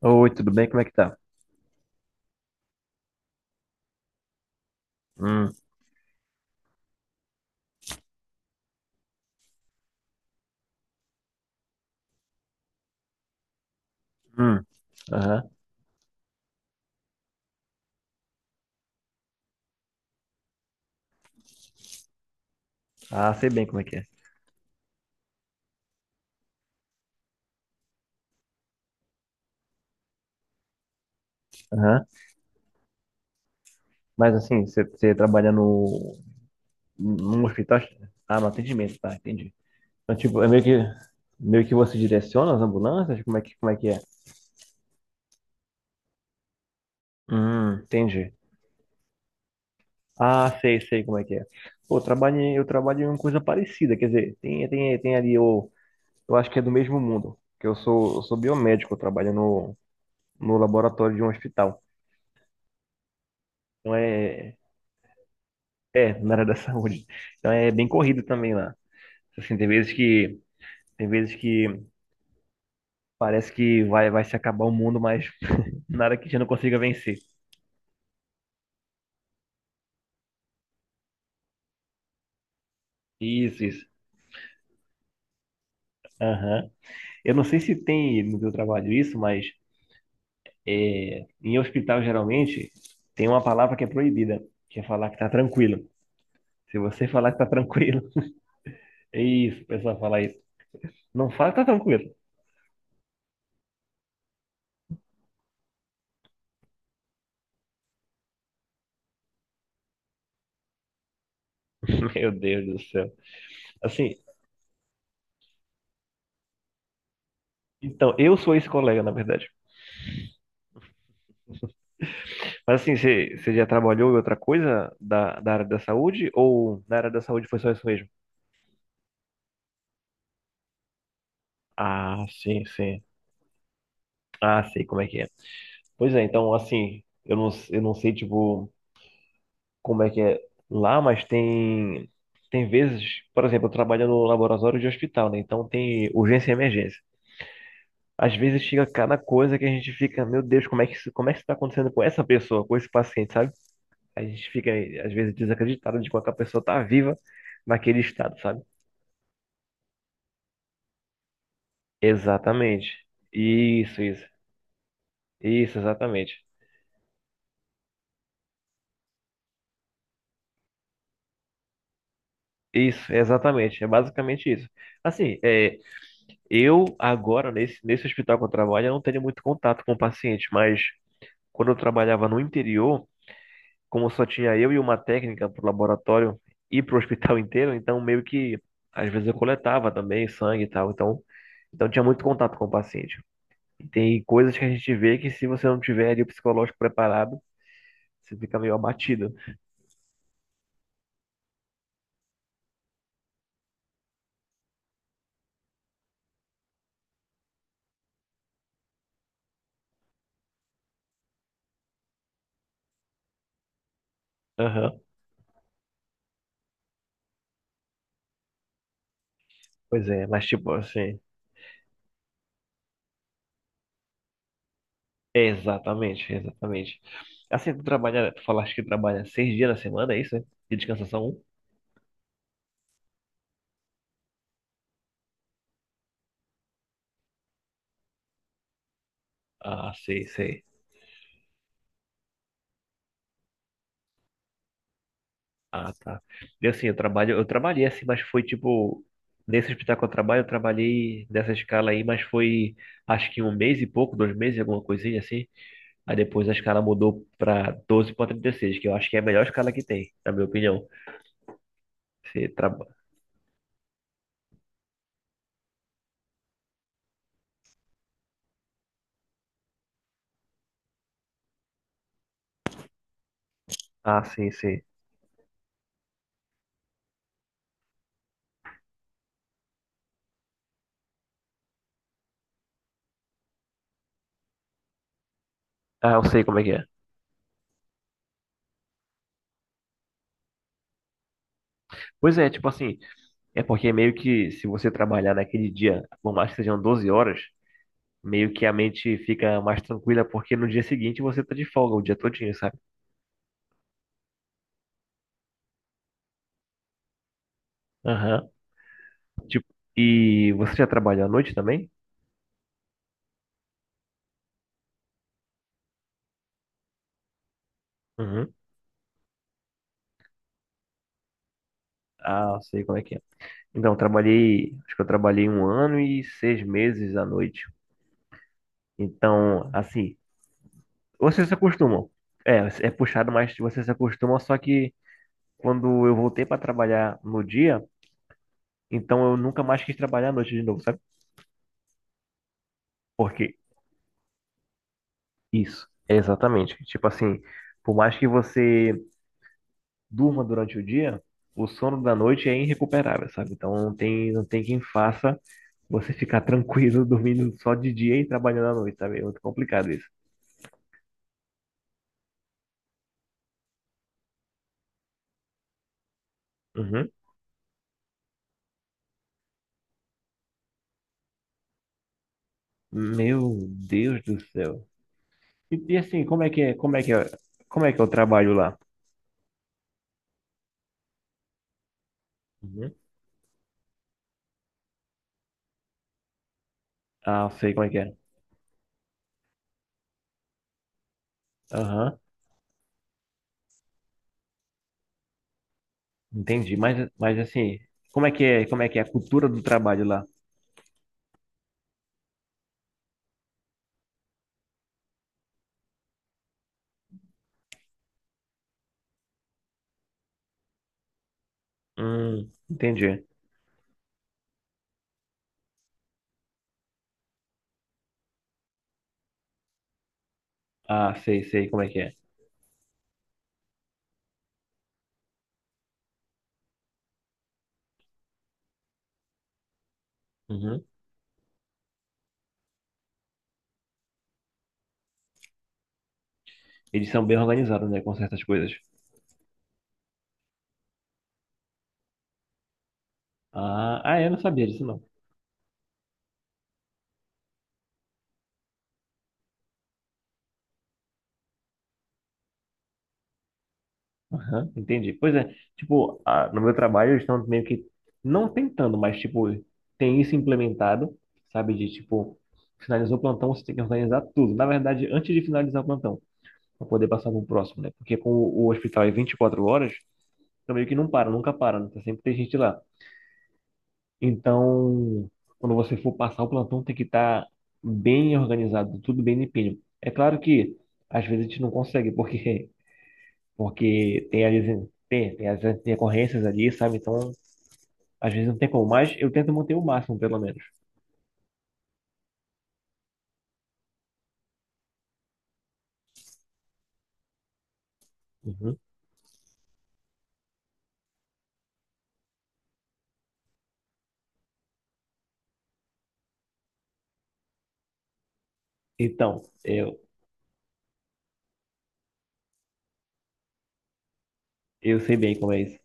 Oi, tudo bem? Como é que tá? Hum, hum, aham. Ah, sei bem como é que é. Aham. Mas assim, você trabalha num hospital? Ah, no atendimento, tá, entendi. Então, tipo, meio que você direciona as ambulâncias? Como é que é? Entendi. Ah, sei como é que é. Pô, eu trabalho em uma coisa parecida, quer dizer, tem ali, eu acho que é do mesmo mundo, eu sou biomédico, eu trabalho no laboratório de um hospital. Então é, É, na área da saúde. Então é bem corrido também lá. Assim, tem vezes que parece que vai se acabar o mundo, mas nada que a gente não consiga vencer. Isso, isso. Aham. Eu não sei se tem no teu trabalho isso, mas em hospital geralmente tem uma palavra que é proibida, que é falar que tá tranquilo. Se você falar que tá tranquilo, é isso, o pessoal fala isso. Não fala que tá tranquilo. Meu Deus do céu. Assim, então eu sou esse colega, na verdade. Mas assim, você já trabalhou em outra coisa da área da saúde? Ou na área da saúde foi só isso mesmo? Ah, sim, sim. Ah, sei como é que é. Pois é, então, assim, eu não sei, tipo, como é que é lá, mas tem vezes, por exemplo, eu trabalho no laboratório de hospital, né? Então tem urgência e emergência. Às vezes chega cada coisa que a gente fica, meu Deus, como é que isso tá acontecendo com essa pessoa, com esse paciente, sabe? A gente fica, às vezes, desacreditado de como é que a pessoa tá viva naquele estado, sabe? Exatamente. Isso, isso. Isso, exatamente. É basicamente isso. Assim, é, eu agora, nesse hospital que eu trabalho, eu não tenho muito contato com o paciente, mas quando eu trabalhava no interior, como só tinha eu e uma técnica para o laboratório e para o hospital inteiro, então meio que às vezes eu coletava também sangue e tal. Então tinha muito contato com o paciente. E tem coisas que a gente vê que se você não tiver ali o psicológico preparado, você fica meio abatido. Aham. Pois é, mas tipo assim, é exatamente, exatamente. Assim, tu trabalha, tu falaste que trabalha seis dias na semana, é isso? Né? E descansa só um? Ah, sei, sei. Ah, tá. E assim, eu trabalhei assim, mas foi tipo, nesse hospital que eu trabalho, eu trabalhei nessa escala aí, mas foi acho que um mês e pouco, dois meses, alguma coisinha assim. Aí depois a escala mudou pra 12 para trinta e seis, que eu acho que é a melhor escala que tem, na minha opinião. Você traba... Ah, sim, sim. Ah, eu sei como é que é. Pois é, tipo assim. É porque meio que se você trabalhar naquele dia, por mais que sejam 12 horas, meio que a mente fica mais tranquila, porque no dia seguinte você tá de folga o dia todinho, sabe? Aham. Tipo, e você já trabalhou à noite também? Uhum. Ah, sei como é que é. Então, eu trabalhei, acho que eu trabalhei um ano e seis meses à noite. Então, assim, vocês se acostumam. É, é puxado, mas vocês se acostumam, só que quando eu voltei para trabalhar no dia, então eu nunca mais quis trabalhar à noite de novo, sabe? Porque Isso, exatamente. Tipo assim, por mais que você durma durante o dia, o sono da noite é irrecuperável, sabe? Não tem quem faça você ficar tranquilo dormindo só de dia e trabalhando à noite, sabe? É muito complicado isso. Uhum. Meu Deus do céu. E assim, como é que é o trabalho lá? Uhum. Ah, sei como é que é. Aham, entendi. Mas assim, como é que é a cultura do trabalho lá? Entendi. Ah, sei, sei como é que é. Uhum. Eles são bem organizados, né, com certas coisas. Ah, ah, eu não sabia disso, não. Aham, entendi. Pois é, tipo, ah, no meu trabalho eles estão meio que, não tentando, mas, tipo, tem isso implementado, sabe? De, tipo, finalizou o plantão, você tem que organizar tudo. Na verdade, antes de finalizar o plantão, para poder passar para o próximo, né? Porque com o hospital é 24 horas, então meio que não para, nunca para, né? Tá sempre tem gente lá. Então, quando você for passar o plantão, tem que estar bem organizado, tudo bem limpinho. É claro que às vezes a gente não consegue, porque, porque tem as intercorrências ali, sabe? Então, às vezes não tem como, mas eu tento manter o máximo, pelo menos. Uhum. Então, eu sei bem como é isso.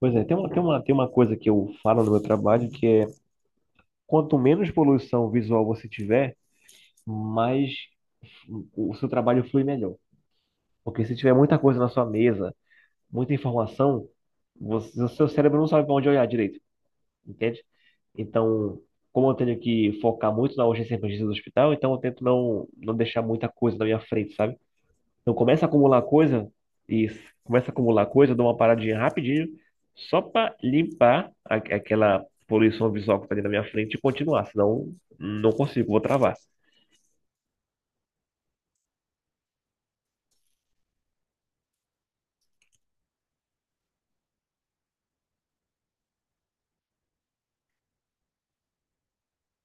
Pois é, tem uma coisa que eu falo no meu trabalho, que é quanto menos poluição visual você tiver, mais o seu trabalho flui melhor. Porque se tiver muita coisa na sua mesa, muita informação, você, o seu cérebro não sabe para onde olhar direito, entende? Então, como eu tenho que focar muito na urgência e emergência do hospital, então eu tento não deixar muita coisa na minha frente, sabe? Então, e começa a acumular coisa, eu dou uma paradinha rapidinho, só para limpar aquela poluição visual que tá ali na minha frente e continuar, senão não consigo, vou travar.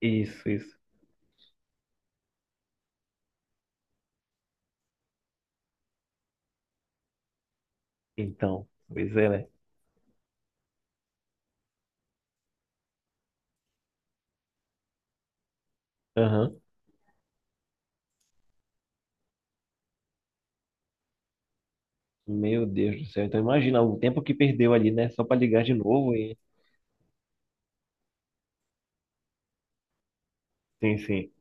Isso, isso. Então, pois é, né? Aham. Meu Deus do céu. Então imagina o tempo que perdeu ali, né? Só para ligar de novo. Sim, sim.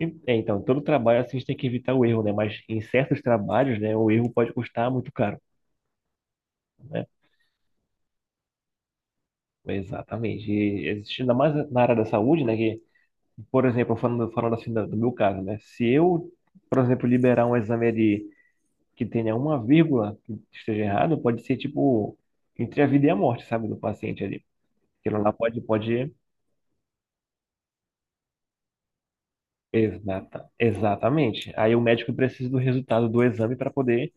E- é, então, todo trabalho assim, a gente tem que evitar o erro, né? Mas em certos trabalhos, né, o erro pode custar muito caro, né? Exatamente. E existe ainda mais na área da saúde, né? Que, por exemplo, falando assim do, do meu caso, né? Se eu, por exemplo, liberar um exame de, que tenha uma vírgula que esteja errado, pode ser tipo entre a vida e a morte, sabe, do paciente ali. Aquilo lá pode, pode. Exata, exatamente. Aí o médico precisa do resultado do exame para poder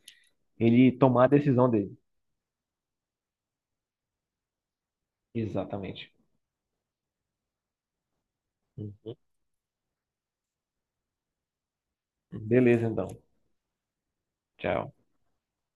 ele tomar a decisão dele. Exatamente. Beleza, então. Tchau.